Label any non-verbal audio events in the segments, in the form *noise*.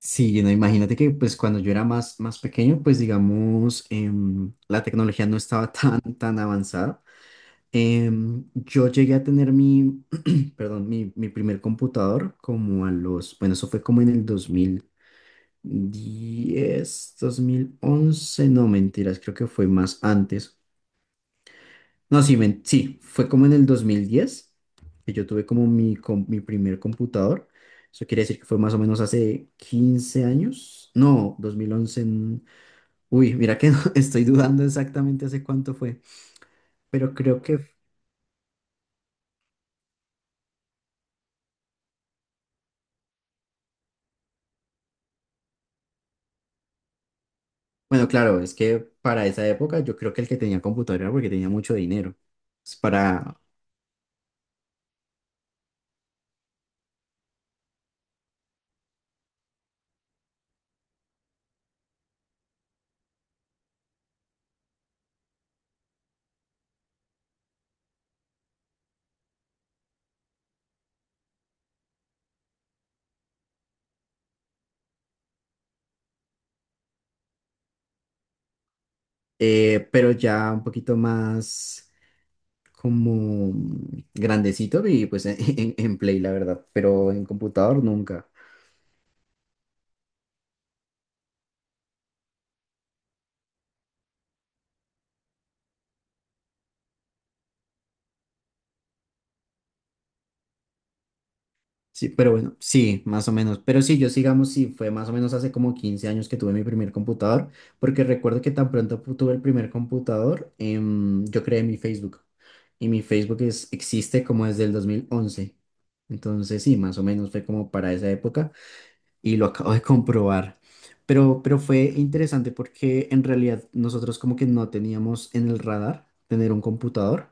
Sí, no, imagínate que pues cuando yo era más pequeño, pues digamos, la tecnología no estaba *laughs* tan avanzada. Yo llegué a tener mi, *clears throat* perdón, mi primer computador como a los, bueno, eso fue como en el dos dos mil diez 2011 no, mentiras, creo que fue más antes. No, sí, sí, fue como en el 2010 que yo tuve como mi, mi primer computador. Eso quiere decir que fue más o menos hace 15 años. No, 2011. Uy, mira que no, *laughs* estoy dudando exactamente hace cuánto fue, pero creo que, bueno, claro, es que para esa época yo creo que el que tenía computadora era porque tenía mucho dinero. Es Para, pero ya un poquito más como grandecito y pues *laughs* en Play, la verdad, pero en computador nunca. Sí, pero bueno, sí, más o menos. Pero sí, yo sigamos, sí, fue más o menos hace como 15 años que tuve mi primer computador, porque recuerdo que tan pronto tuve el primer computador, yo creé mi Facebook. Y mi Facebook es, existe como desde el 2011. Entonces, sí, más o menos fue como para esa época y lo acabo de comprobar. Pero fue interesante porque en realidad nosotros como que no teníamos en el radar tener un computador.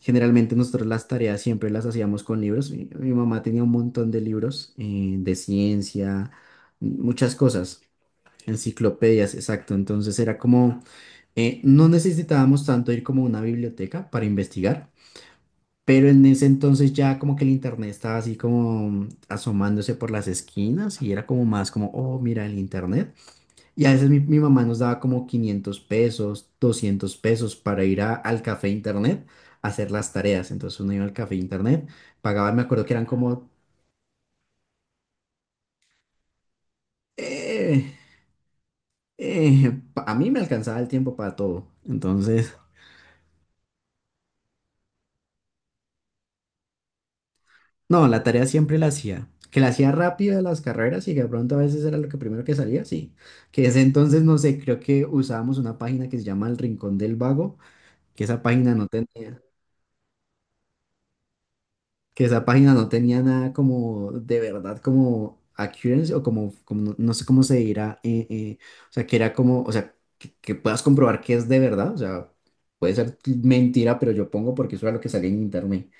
Generalmente nosotros las tareas siempre las hacíamos con libros. Mi mamá tenía un montón de libros de ciencia, muchas cosas, enciclopedias, exacto. Entonces era como, no necesitábamos tanto ir como a una biblioteca para investigar, pero en ese entonces ya como que el internet estaba así como asomándose por las esquinas y era como más como, oh, mira el internet. Y a veces mi mamá nos daba como 500 pesos, 200 pesos para ir al café internet a hacer las tareas. Entonces uno iba al café internet, pagaba, me acuerdo que eran como... eh, a mí me alcanzaba el tiempo para todo. Entonces, no, la tarea siempre la hacía. Que la hacía rápido de las carreras y que de pronto a veces era lo que primero que salía, sí. Que ese entonces, no sé, creo que usábamos una página que se llama El Rincón del Vago, que esa página no tenía. que esa página no tenía nada como de verdad como accuracy o como, como no, no sé cómo se dirá, o sea, que era como, o sea, que puedas comprobar que es de verdad, o sea, puede ser mentira, pero yo pongo porque eso era lo que salía en internet.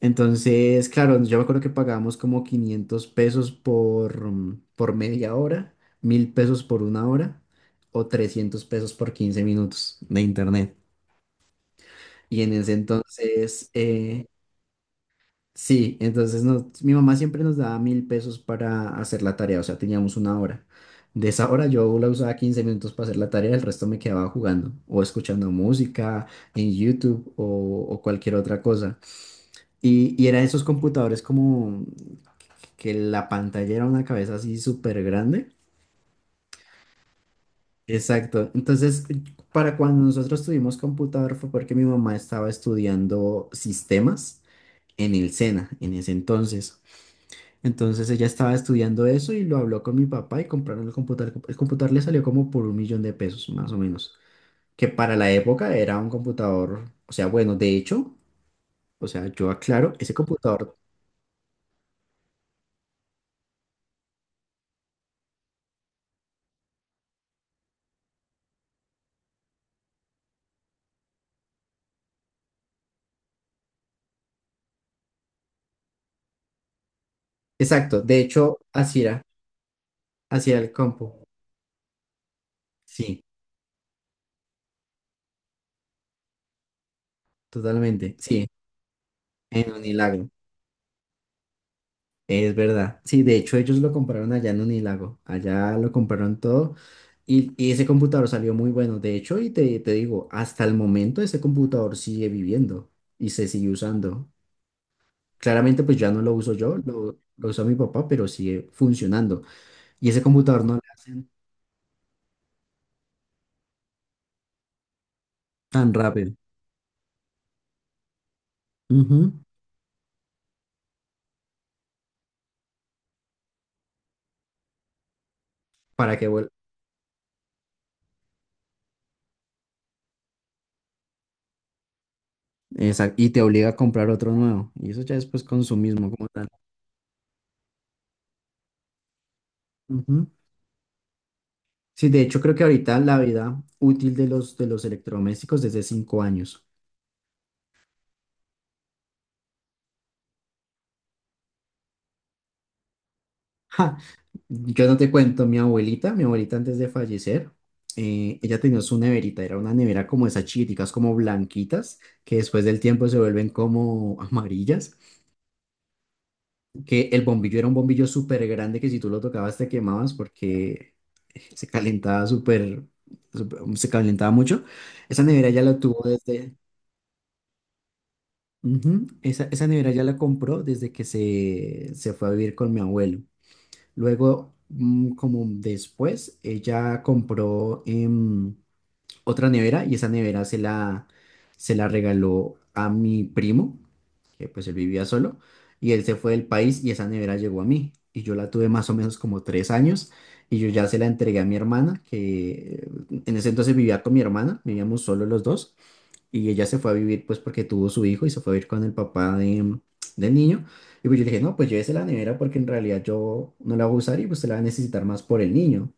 Entonces, claro, yo me acuerdo que pagábamos como 500 pesos por, por 1/2 hora, 1000 pesos por una hora o 300 pesos por 15 minutos de internet. Y en ese entonces, sí, entonces mi mamá siempre nos daba 1000 pesos para hacer la tarea, o sea, teníamos una hora. De esa hora yo la usaba 15 minutos para hacer la tarea, el resto me quedaba jugando o escuchando música en YouTube o cualquier otra cosa. Y eran esos computadores como que la pantalla era una cabeza así súper grande. Exacto. Entonces, para cuando nosotros tuvimos computador fue porque mi mamá estaba estudiando sistemas en el SENA en ese entonces. Entonces ella estaba estudiando eso y lo habló con mi papá y compraron el computador. El computador le salió como por 1.000.000 de pesos, más o menos, que para la época era un computador, o sea, bueno, de hecho, o sea, yo aclaro, ese computador, exacto, de hecho, así era el compu, sí, totalmente, sí, en Unilag. Es verdad. Sí, de hecho ellos lo compraron allá en Unilago. Allá lo compraron todo y ese computador salió muy bueno. De hecho, y te digo, hasta el momento ese computador sigue viviendo y se sigue usando. Claramente pues ya no lo uso yo, lo usa mi papá, pero sigue funcionando. Y ese computador no le hacen tan rápido. Ujú. Para que vuelva. Exacto. Y te obliga a comprar otro nuevo. Y eso ya es pues consumismo como tal. Sí, de hecho creo que ahorita la vida útil de los electrodomésticos es de 5 años. *laughs* Ja, yo no te cuento, mi abuelita antes de fallecer, ella tenía su neverita, era una nevera como esas chiquiticas, como blanquitas, que después del tiempo se vuelven como amarillas, que el bombillo era un bombillo súper grande que si tú lo tocabas te quemabas porque se calentaba súper, se calentaba mucho. Esa nevera ya la tuvo desde... Ujú. Esa nevera ya la compró desde que se fue a vivir con mi abuelo. Luego, como después, ella compró otra nevera y esa nevera se la regaló a mi primo, que pues él vivía solo, y él se fue del país y esa nevera llegó a mí. Y yo la tuve más o menos como 3 años y yo ya se la entregué a mi hermana, que en ese entonces vivía con mi hermana, vivíamos solo los dos. Y ella se fue a vivir, pues, porque tuvo su hijo y se fue a vivir con el papá de, del niño. Y pues yo le dije, no, pues llévese la nevera porque en realidad yo no la voy a usar y pues se la va a necesitar más por el niño.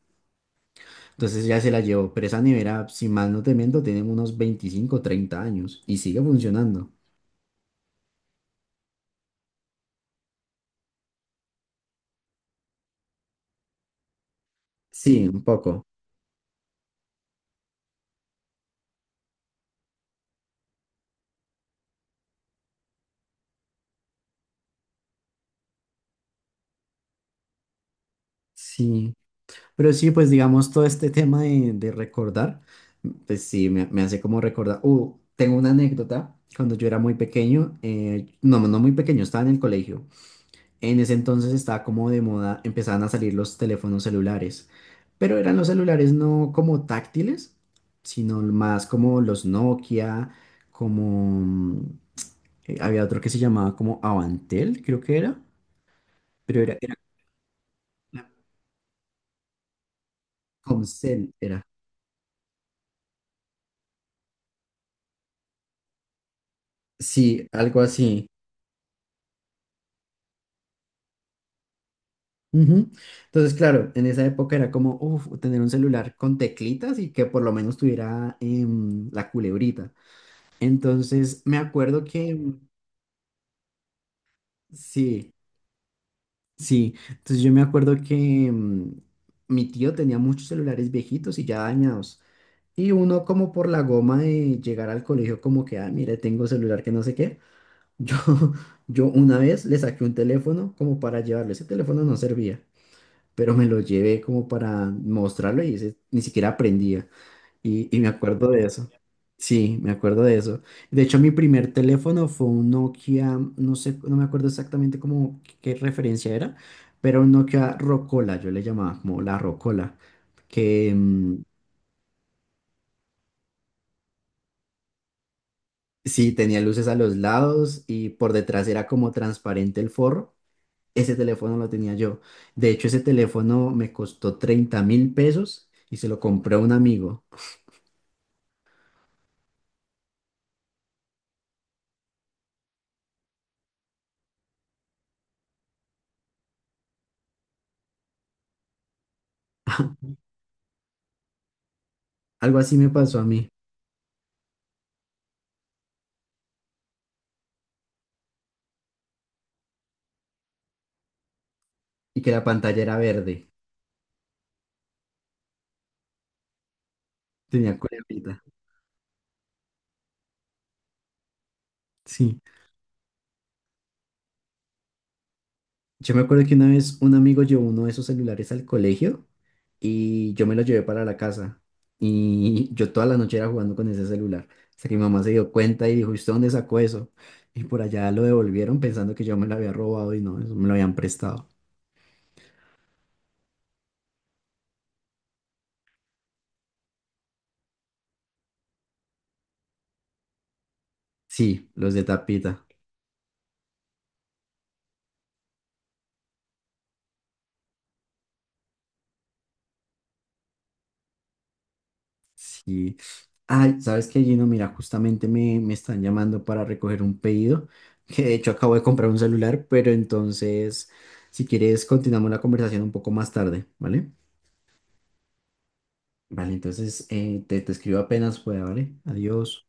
Entonces ya se la llevó, pero esa nevera, si mal no te miento, tiene unos 25 o 30 años y sigue funcionando. Sí, un poco. Sí. Pero sí, pues digamos, todo este tema de recordar, pues sí, me hace como recordar. Tengo una anécdota. Cuando yo era muy pequeño, no, no muy pequeño, estaba en el colegio. En ese entonces estaba como de moda, empezaban a salir los teléfonos celulares, pero eran los celulares no como táctiles, sino más como los Nokia, como había otro que se llamaba como Avantel, creo que era, pero era Comcel, era. Sí, algo así. Ujú. Entonces, claro, en esa época era como, uff, tener un celular con teclitas y que por lo menos tuviera la culebrita. Entonces, me acuerdo que, sí, sí, entonces yo me acuerdo que mi tío tenía muchos celulares viejitos y ya dañados. Y uno como por la goma de llegar al colegio como que, ah, mire, tengo celular que no sé qué. Yo, *laughs* yo una vez le saqué un teléfono como para llevarlo. Ese teléfono no servía, pero me lo llevé como para mostrarlo y ese ni siquiera aprendía. Y me acuerdo de eso. Sí, me acuerdo de eso. De hecho, mi primer teléfono fue un Nokia, no sé, no me acuerdo exactamente cómo, qué referencia era, pero un Nokia Rocola, yo le llamaba como la Rocola, que sí tenía luces a los lados y por detrás era como transparente el forro. Ese teléfono lo tenía yo. De hecho, ese teléfono me costó 30.000 pesos y se lo compré a un amigo. *laughs* Algo así me pasó a mí. Y que la pantalla era verde. Tenía cuerpita. Sí, yo me acuerdo que una vez un amigo llevó uno de esos celulares al colegio y yo me lo llevé para la casa y yo toda la noche era jugando con ese celular hasta que mi mamá se dio cuenta y dijo, ¿usted dónde sacó eso? Y por allá lo devolvieron pensando que yo me lo había robado y no, eso me lo habían prestado. Sí, los de tapita, sí. Ay, ¿sabes qué, Gino? Mira, justamente me, me están llamando para recoger un pedido, que de hecho acabo de comprar un celular, pero entonces, si quieres, continuamos la conversación un poco más tarde, ¿vale? Vale, entonces te, te escribo apenas pueda, ¿vale? Adiós.